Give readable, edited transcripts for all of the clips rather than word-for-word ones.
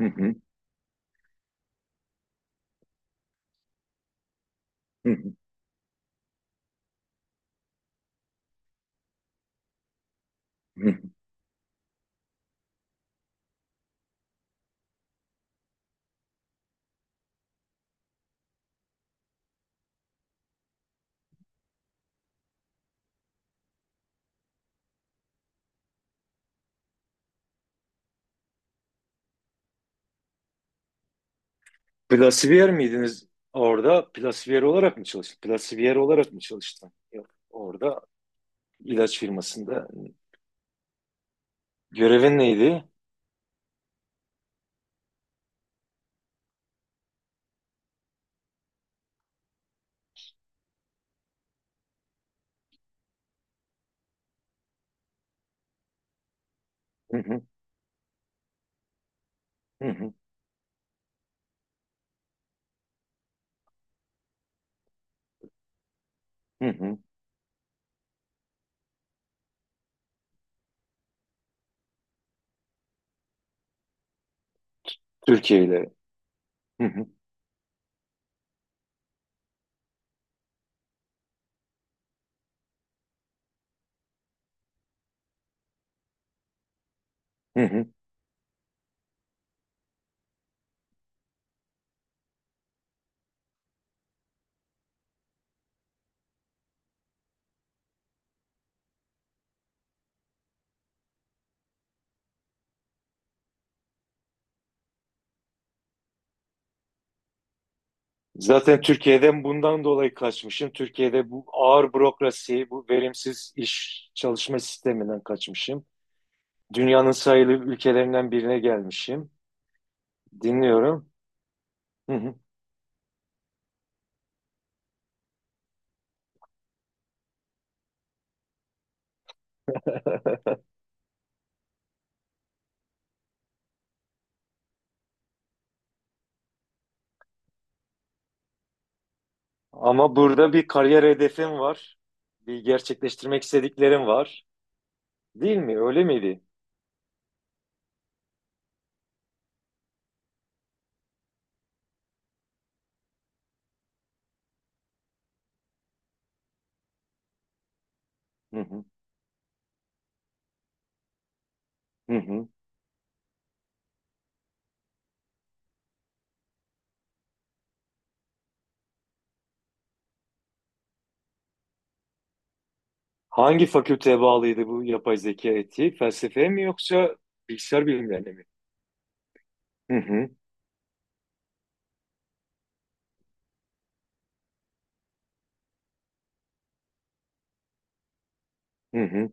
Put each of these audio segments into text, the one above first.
Hı hı, hı hı, hı Plasiver miydiniz orada? Plasiver olarak mı çalıştın? Plasiver olarak mı çalıştın? Yok. Orada ilaç firmasında. Görevin neydi? Hı hı, hı hı, hı hı. Türkiye ile. Hı hı, hı hı. Zaten Türkiye'den bundan dolayı kaçmışım. Türkiye'de bu ağır bürokrasi, bu verimsiz iş çalışma sisteminden kaçmışım. Dünyanın sayılı ülkelerinden birine gelmişim. Dinliyorum. Hı hı. Ama burada bir kariyer hedefim var. Bir gerçekleştirmek istediklerim var. Değil mi? Öyle miydi? Hı hı. Hı hı. Hangi fakülteye bağlıydı bu yapay zeka etiği? Felsefeye mi yoksa bilgisayar bilimlerine mi? Hı hı. Hı hı.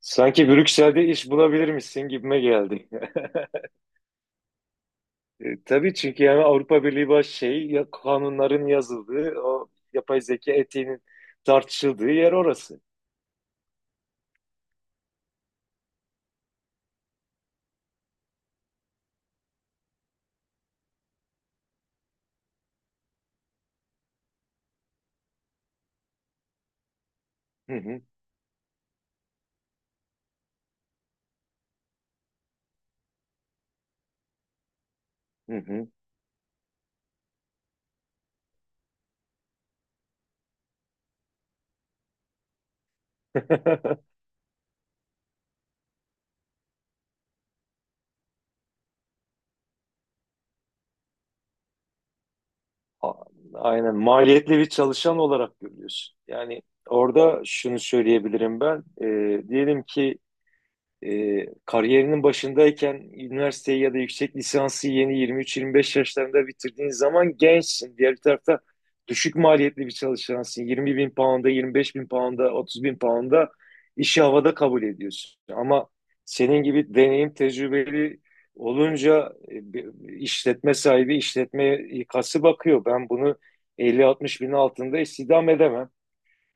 Sanki Brüksel'de iş bulabilir misin gibime geldi. Tabii, çünkü yani Avrupa Birliği baş şey ya, kanunların yazıldığı, o yapay zeka etiğinin tartışıldığı yer orası. Hı hı. Hı hı. A- Aynen, maliyetli bir çalışan olarak görüyorsun. Yani orada şunu söyleyebilirim ben. Diyelim ki kariyerinin başındayken üniversiteyi ya da yüksek lisansı yeni 23-25 yaşlarında bitirdiğin zaman gençsin. Diğer bir tarafta düşük maliyetli bir çalışansın. 20 bin pound'a, 25 bin pound'a, 30 bin pound'a işi havada kabul ediyorsun. Ama senin gibi deneyim tecrübeli olunca bir işletme sahibi, işletme ikası bakıyor. Ben bunu 50-60 bin altında istihdam edemem.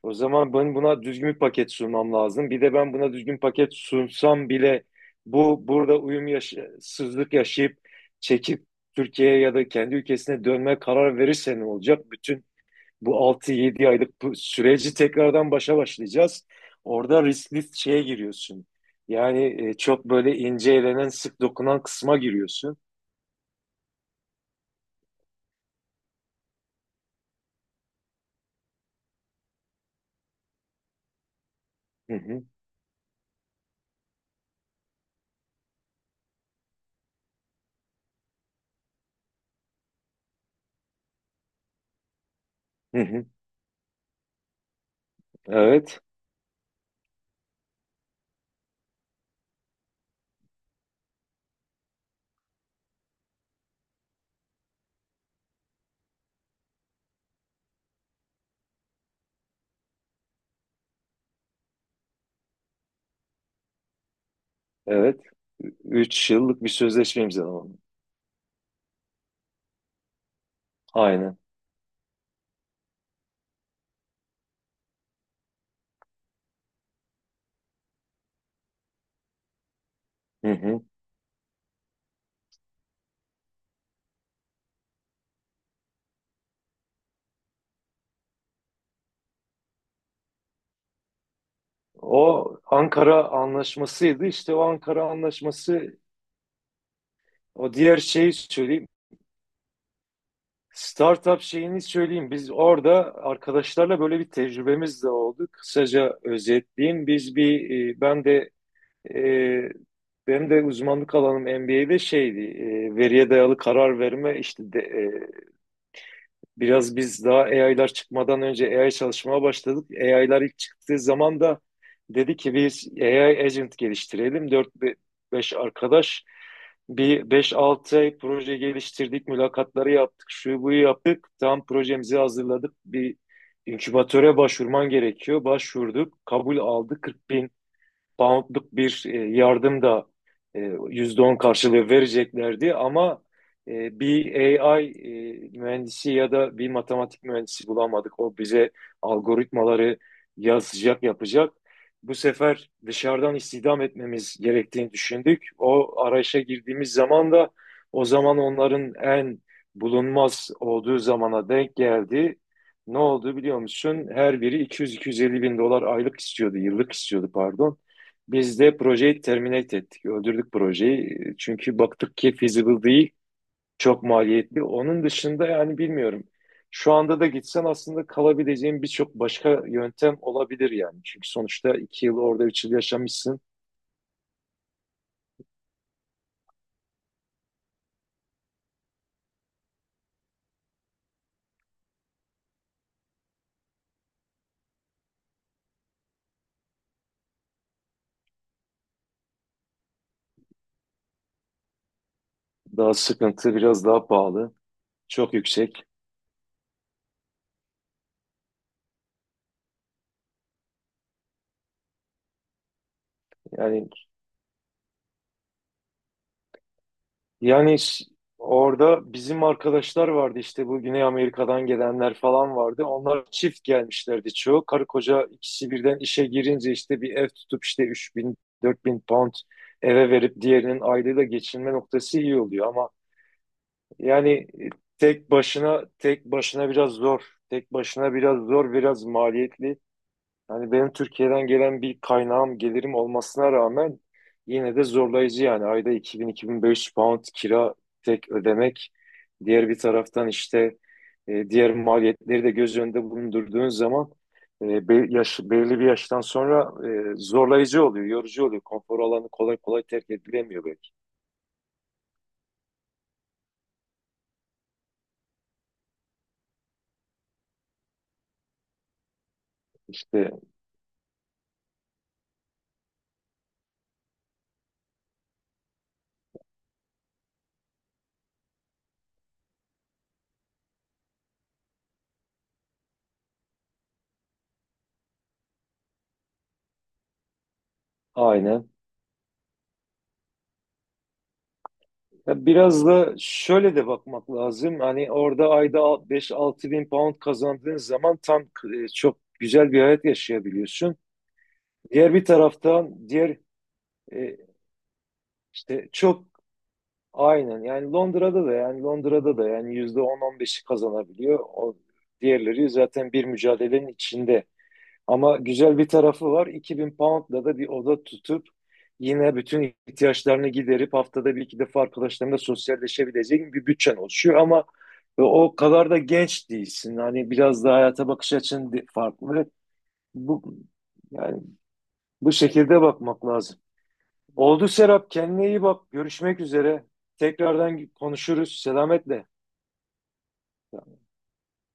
O zaman ben buna düzgün bir paket sunmam lazım. Bir de ben buna düzgün paket sunsam bile bu burada sızlık yaşayıp çekip Türkiye'ye ya da kendi ülkesine dönme karar verirse ne olacak? Bütün bu 6-7 aylık bu süreci tekrardan başa başlayacağız. Orada riskli şeye giriyorsun. Yani çok böyle ince elenen, sık dokunan kısma giriyorsun. Hı hı, hı hı. Evet, evet. 3 yıllık bir sözleşme imzalamam. Aynen. Hı hı. O Ankara Anlaşması'ydı. İşte o Ankara Anlaşması, o diğer şeyi söyleyeyim. Startup şeyini söyleyeyim. Biz orada arkadaşlarla böyle bir tecrübemiz de oldu. Kısaca özetleyeyim. Ben de e, benim de uzmanlık alanım MBA'de şeydi, veriye dayalı karar verme işte de, biraz biz daha AI'lar çıkmadan önce AI çalışmaya başladık. AI'lar ilk çıktığı zaman da dedi ki biz AI agent geliştirelim. Dört beş arkadaş bir beş 6 ay proje geliştirdik, mülakatları yaptık, şu buyu yaptık. Tam projemizi hazırladık. Bir inkübatöre başvurman gerekiyor. Başvurduk, kabul aldı. 40 poundluk bir yardım da %10 karşılığı vereceklerdi, ama bir AI mühendisi ya da bir matematik mühendisi bulamadık. O bize algoritmaları yazacak, yapacak. Bu sefer dışarıdan istihdam etmemiz gerektiğini düşündük. O arayışa girdiğimiz zaman da o zaman onların en bulunmaz olduğu zamana denk geldi. Ne oldu biliyor musun? Her biri 200-250 bin dolar aylık istiyordu, yıllık istiyordu pardon. Biz de projeyi terminate ettik. Öldürdük projeyi. Çünkü baktık ki feasible değil. Çok maliyetli. Onun dışında yani bilmiyorum. Şu anda da gitsen aslında kalabileceğin birçok başka yöntem olabilir yani. Çünkü sonuçta 2 yıl orada 3 yıl yaşamışsın. Daha sıkıntı, biraz daha pahalı. Çok yüksek. Yani Yani orada bizim arkadaşlar vardı, işte bu Güney Amerika'dan gelenler falan vardı. Onlar çift gelmişlerdi çoğu. Karı koca ikisi birden işe girince işte bir ev tutup işte 3.000-4.000 pound eve verip diğerinin aylığıyla geçinme noktası iyi oluyor, ama yani e, tek başına, biraz zor. Tek başına biraz zor, biraz maliyetli. Yani benim Türkiye'den gelen bir kaynağım, gelirim olmasına rağmen yine de zorlayıcı yani. Ayda 2.000-2.500 pound kira tek ödemek. Diğer bir taraftan işte diğer maliyetleri de göz önünde bulundurduğun zaman belirli bir yaştan sonra zorlayıcı oluyor, yorucu oluyor. Konfor alanı kolay kolay terk edilemiyor belki. İşte aynen. Ya biraz da şöyle de bakmak lazım. Hani orada ayda 5-6 bin pound kazandığın zaman tam çok güzel bir hayat yaşayabiliyorsun. Diğer bir taraftan e, işte çok aynen yani Londra'da da yani %10-15'i kazanabiliyor. O diğerleri zaten bir mücadelenin içinde. Ama güzel bir tarafı var. 2000 poundla da bir oda tutup yine bütün ihtiyaçlarını giderip haftada bir iki defa arkadaşlarınla sosyalleşebileceğin bir bütçen oluşuyor. Ama o kadar da genç değilsin. Hani biraz da hayata bakış açın farklı. Bu, yani bu şekilde bakmak lazım. Oldu Serap, kendine iyi bak. Görüşmek üzere. Tekrardan konuşuruz. Selametle.